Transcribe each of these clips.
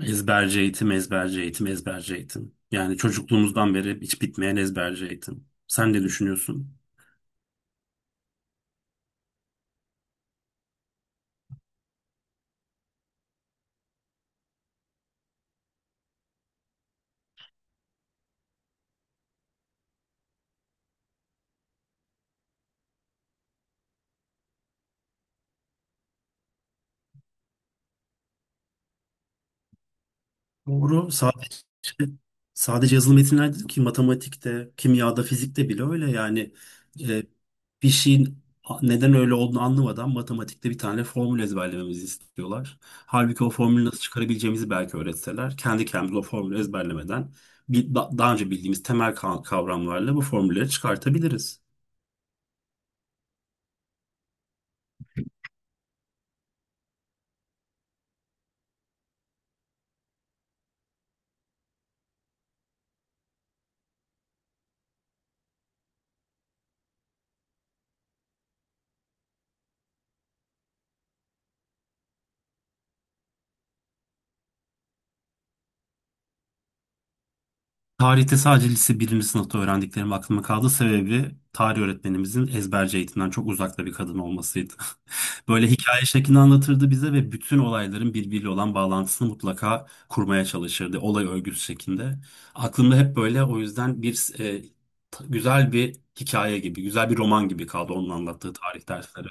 Ezberci eğitim, ezberci eğitim, ezberci eğitim. Yani çocukluğumuzdan beri hiç bitmeyen ezberci eğitim. Sen ne düşünüyorsun? Doğru. Sadece yazılı metinler değil ki matematikte, kimyada, fizikte bile öyle. Yani e, bir şeyin neden öyle olduğunu anlamadan matematikte bir tane formül ezberlememizi istiyorlar. Halbuki o formülü nasıl çıkarabileceğimizi belki öğretseler, kendi kendimize o formülü ezberlemeden bir, daha önce bildiğimiz temel kavramlarla bu formülleri çıkartabiliriz. Tarihte sadece lise birinci sınıfta öğrendiklerim aklıma kaldı. Sebebi tarih öğretmenimizin ezberci eğitimden çok uzakta bir kadın olmasıydı. Böyle hikaye şeklinde anlatırdı bize ve bütün olayların birbiriyle olan bağlantısını mutlaka kurmaya çalışırdı. Olay örgüsü şeklinde. Aklımda hep böyle o yüzden bir güzel bir hikaye gibi, güzel bir roman gibi kaldı onun anlattığı tarih dersleri.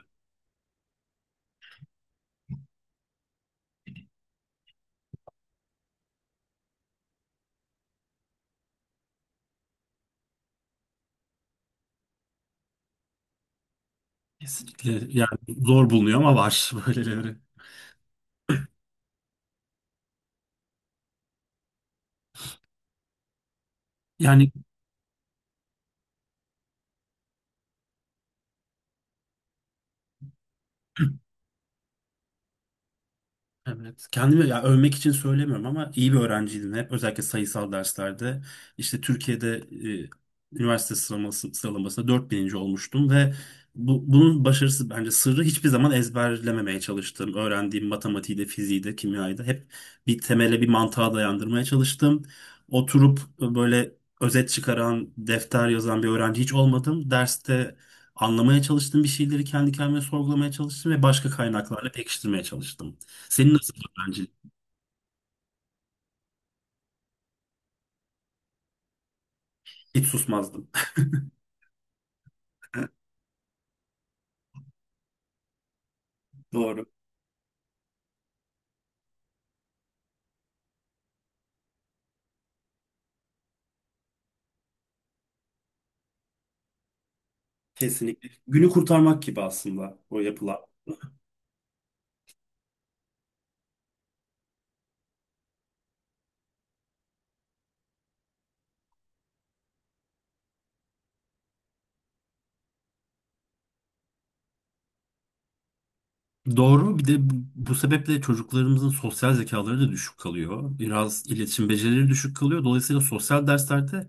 Kesinlikle yani zor bulunuyor ama var böyleleri. Yani. Evet. Kendimi ya övmek için söylemiyorum ama iyi bir öğrenciydim hep. Özellikle sayısal derslerde. İşte Türkiye'de e, üniversite sıralamasında 4.000'inci olmuştum ve bunun başarısı bence sırrı hiçbir zaman ezberlememeye çalıştım. Öğrendiğim matematiği de, fiziği de, kimyayı da hep bir temele, bir mantığa dayandırmaya çalıştım. Oturup böyle özet çıkaran, defter yazan bir öğrenci hiç olmadım. Derste anlamaya çalıştım bir şeyleri kendi kendime sorgulamaya çalıştım ve başka kaynaklarla pekiştirmeye çalıştım. Senin nasıl öğrencilik? Hiç susmazdım. Doğru. Kesinlikle. Günü kurtarmak gibi aslında o yapılan. Doğru. Bir de bu sebeple çocuklarımızın sosyal zekaları da düşük kalıyor. Biraz iletişim becerileri düşük kalıyor. Dolayısıyla sosyal derslerde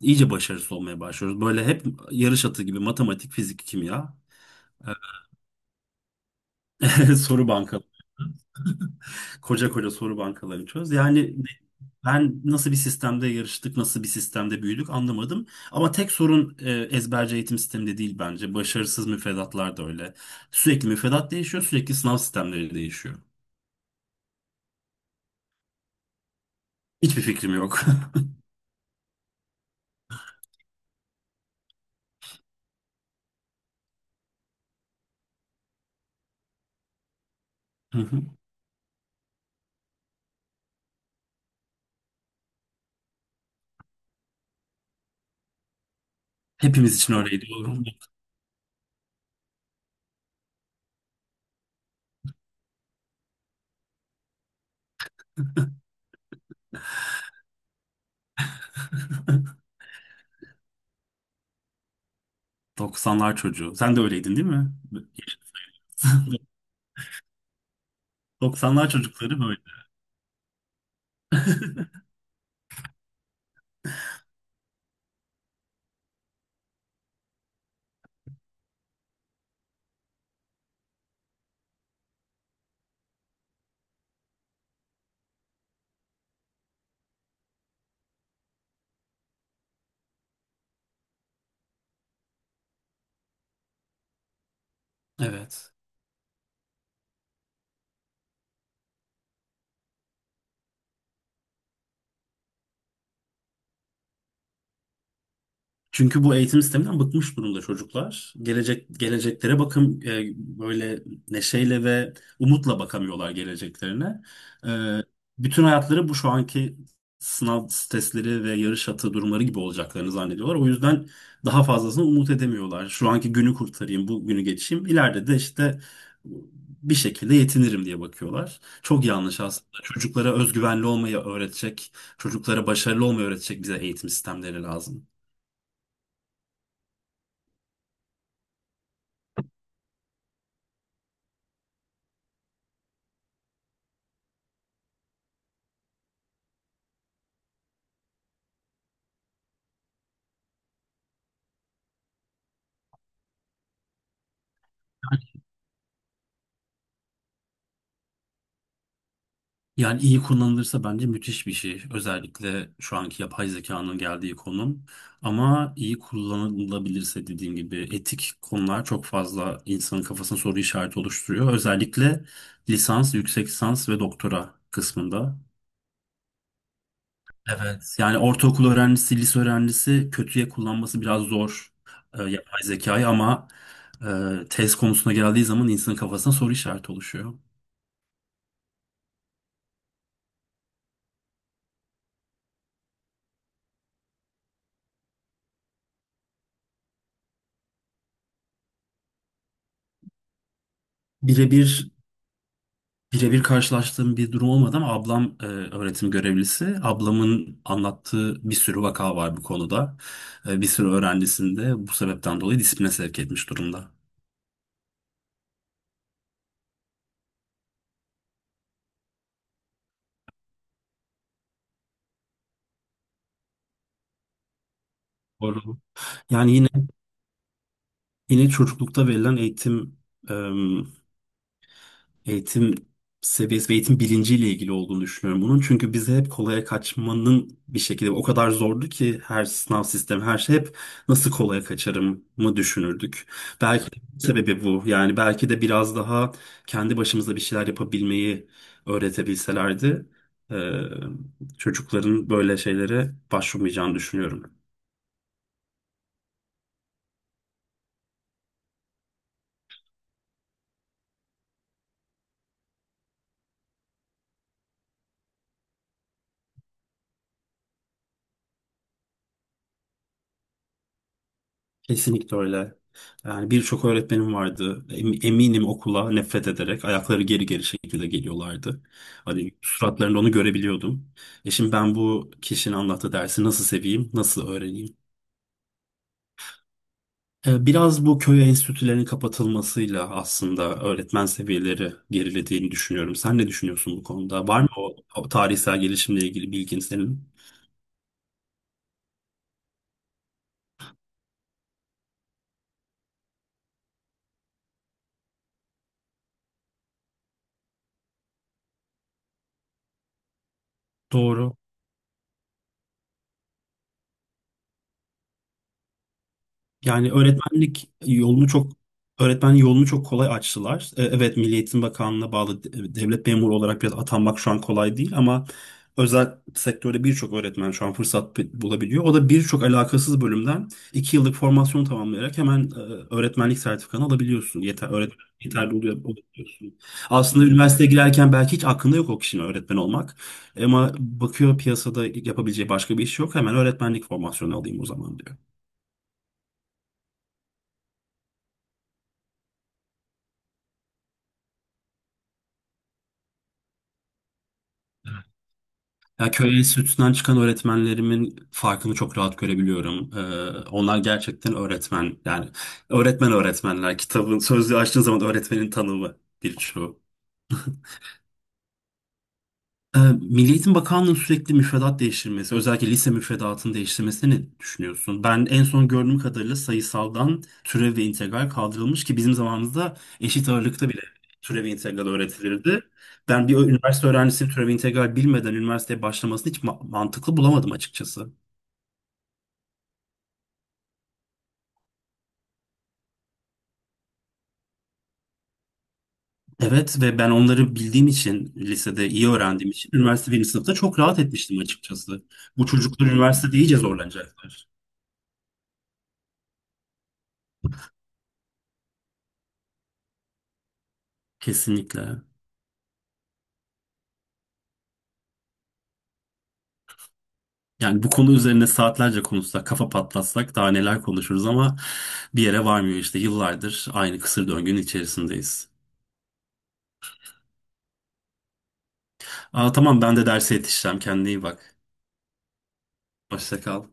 iyice başarısız olmaya başlıyoruz. Böyle hep yarış atı gibi matematik, fizik, kimya, soru bankaları, koca koca soru bankaları çöz. Yani ben nasıl bir sistemde yarıştık, nasıl bir sistemde büyüdük anlamadım. Ama tek sorun ezberci eğitim sistemi de değil bence. Başarısız müfredatlar da öyle. Sürekli müfredat değişiyor, sürekli sınav sistemleri değişiyor. Hiçbir fikrim yok. Hı hı. Hepimiz için öyleydi, oğlum. 90'lar çocuğu. Sen de öyleydin değil mi? Doksanlar çocukları böyle. Evet. Çünkü bu eğitim sisteminden bıkmış durumda çocuklar. Geleceklere bakım böyle neşeyle ve umutla bakamıyorlar geleceklerine. E, Bütün hayatları bu şu anki sınav testleri ve yarış atı durumları gibi olacaklarını zannediyorlar. O yüzden daha fazlasını umut edemiyorlar. Şu anki günü kurtarayım, bu günü geçeyim. İleride de işte bir şekilde yetinirim diye bakıyorlar. Çok yanlış aslında. Çocuklara özgüvenli olmayı öğretecek, çocuklara başarılı olmayı öğretecek bize eğitim sistemleri lazım. Yani iyi kullanılırsa bence müthiş bir şey. Özellikle şu anki yapay zekanın geldiği konum. Ama iyi kullanılabilirse dediğim gibi etik konular çok fazla insanın kafasına soru işareti oluşturuyor. Özellikle lisans, yüksek lisans ve doktora kısmında. Evet. Yani ortaokul öğrencisi, lise öğrencisi kötüye kullanması biraz zor yapay zekayı ama tez konusuna geldiği zaman insanın kafasına soru işareti oluşuyor. Birebir Birebir karşılaştığım bir durum olmadı ama ablam öğretim görevlisi. Ablamın anlattığı bir sürü vaka var bu konuda. Bir sürü öğrencisini de bu sebepten dolayı disipline sevk etmiş durumda. Doğru. Yani yine çocuklukta verilen eğitim seviyesi ve eğitim bilinciyle ilgili olduğunu düşünüyorum bunun. Çünkü bize hep kolaya kaçmanın bir şekilde o kadar zordu ki her sınav sistemi her şey hep nasıl kolaya kaçarım mı düşünürdük. Belki de sebebi bu. Yani belki de biraz daha kendi başımıza bir şeyler yapabilmeyi öğretebilselerdi eee, çocukların böyle şeylere başvurmayacağını düşünüyorum. Kesinlikle öyle. Yani birçok öğretmenim vardı. Eminim okula nefret ederek ayakları geri geri şekilde geliyorlardı. Hani suratlarında onu görebiliyordum. Şimdi ben bu kişinin anlattığı dersi nasıl seveyim, nasıl öğreneyim? Biraz bu köy enstitülerinin kapatılmasıyla aslında öğretmen seviyeleri gerilediğini düşünüyorum. Sen ne düşünüyorsun bu konuda? Var mı o, o tarihsel gelişimle ilgili bilgin senin? Doğru. Yani öğretmen yolunu çok kolay açtılar. Evet, Milli Eğitim Bakanlığı'na bağlı devlet memuru olarak biraz atanmak şu an kolay değil ama özel sektörde birçok öğretmen şu an fırsat bulabiliyor. O da birçok alakasız bölümden 2 yıllık formasyon tamamlayarak hemen öğretmenlik sertifikanı alabiliyorsun. Yeterli oluyorsun. Aslında üniversiteye girerken belki hiç aklında yok o kişinin öğretmen olmak. Ama bakıyor piyasada yapabileceği başka bir iş yok. Hemen öğretmenlik formasyonu alayım o zaman diyor. Ya köy enstitüsünden çıkan öğretmenlerimin farkını çok rahat görebiliyorum. Onlar gerçekten öğretmen. Yani öğretmen öğretmenler. Kitabın sözlüğü açtığın zaman öğretmenin tanımı birçoğu. Milli Eğitim Bakanlığı'nın sürekli müfredat değiştirmesi, özellikle lise müfredatını değiştirmesini ne düşünüyorsun? Ben en son gördüğüm kadarıyla sayısaldan türev ve integral kaldırılmış ki bizim zamanımızda eşit ağırlıkta bile türev ve integral öğretilirdi. Ben bir üniversite öğrencisinin türev ve integral bilmeden üniversiteye başlamasını hiç mantıklı bulamadım açıkçası. Evet ve ben onları bildiğim için lisede iyi öğrendiğim için üniversite birinci sınıfta çok rahat etmiştim açıkçası. Bu çocuklar üniversitede iyice zorlanacaklar. Kesinlikle. Yani bu konu üzerine saatlerce konuşsak, kafa patlatsak daha neler konuşuruz ama bir yere varmıyor işte yıllardır aynı kısır döngünün içerisindeyiz. Aa, tamam ben de derse yetişeceğim. Kendine iyi bak. Hoşça kal.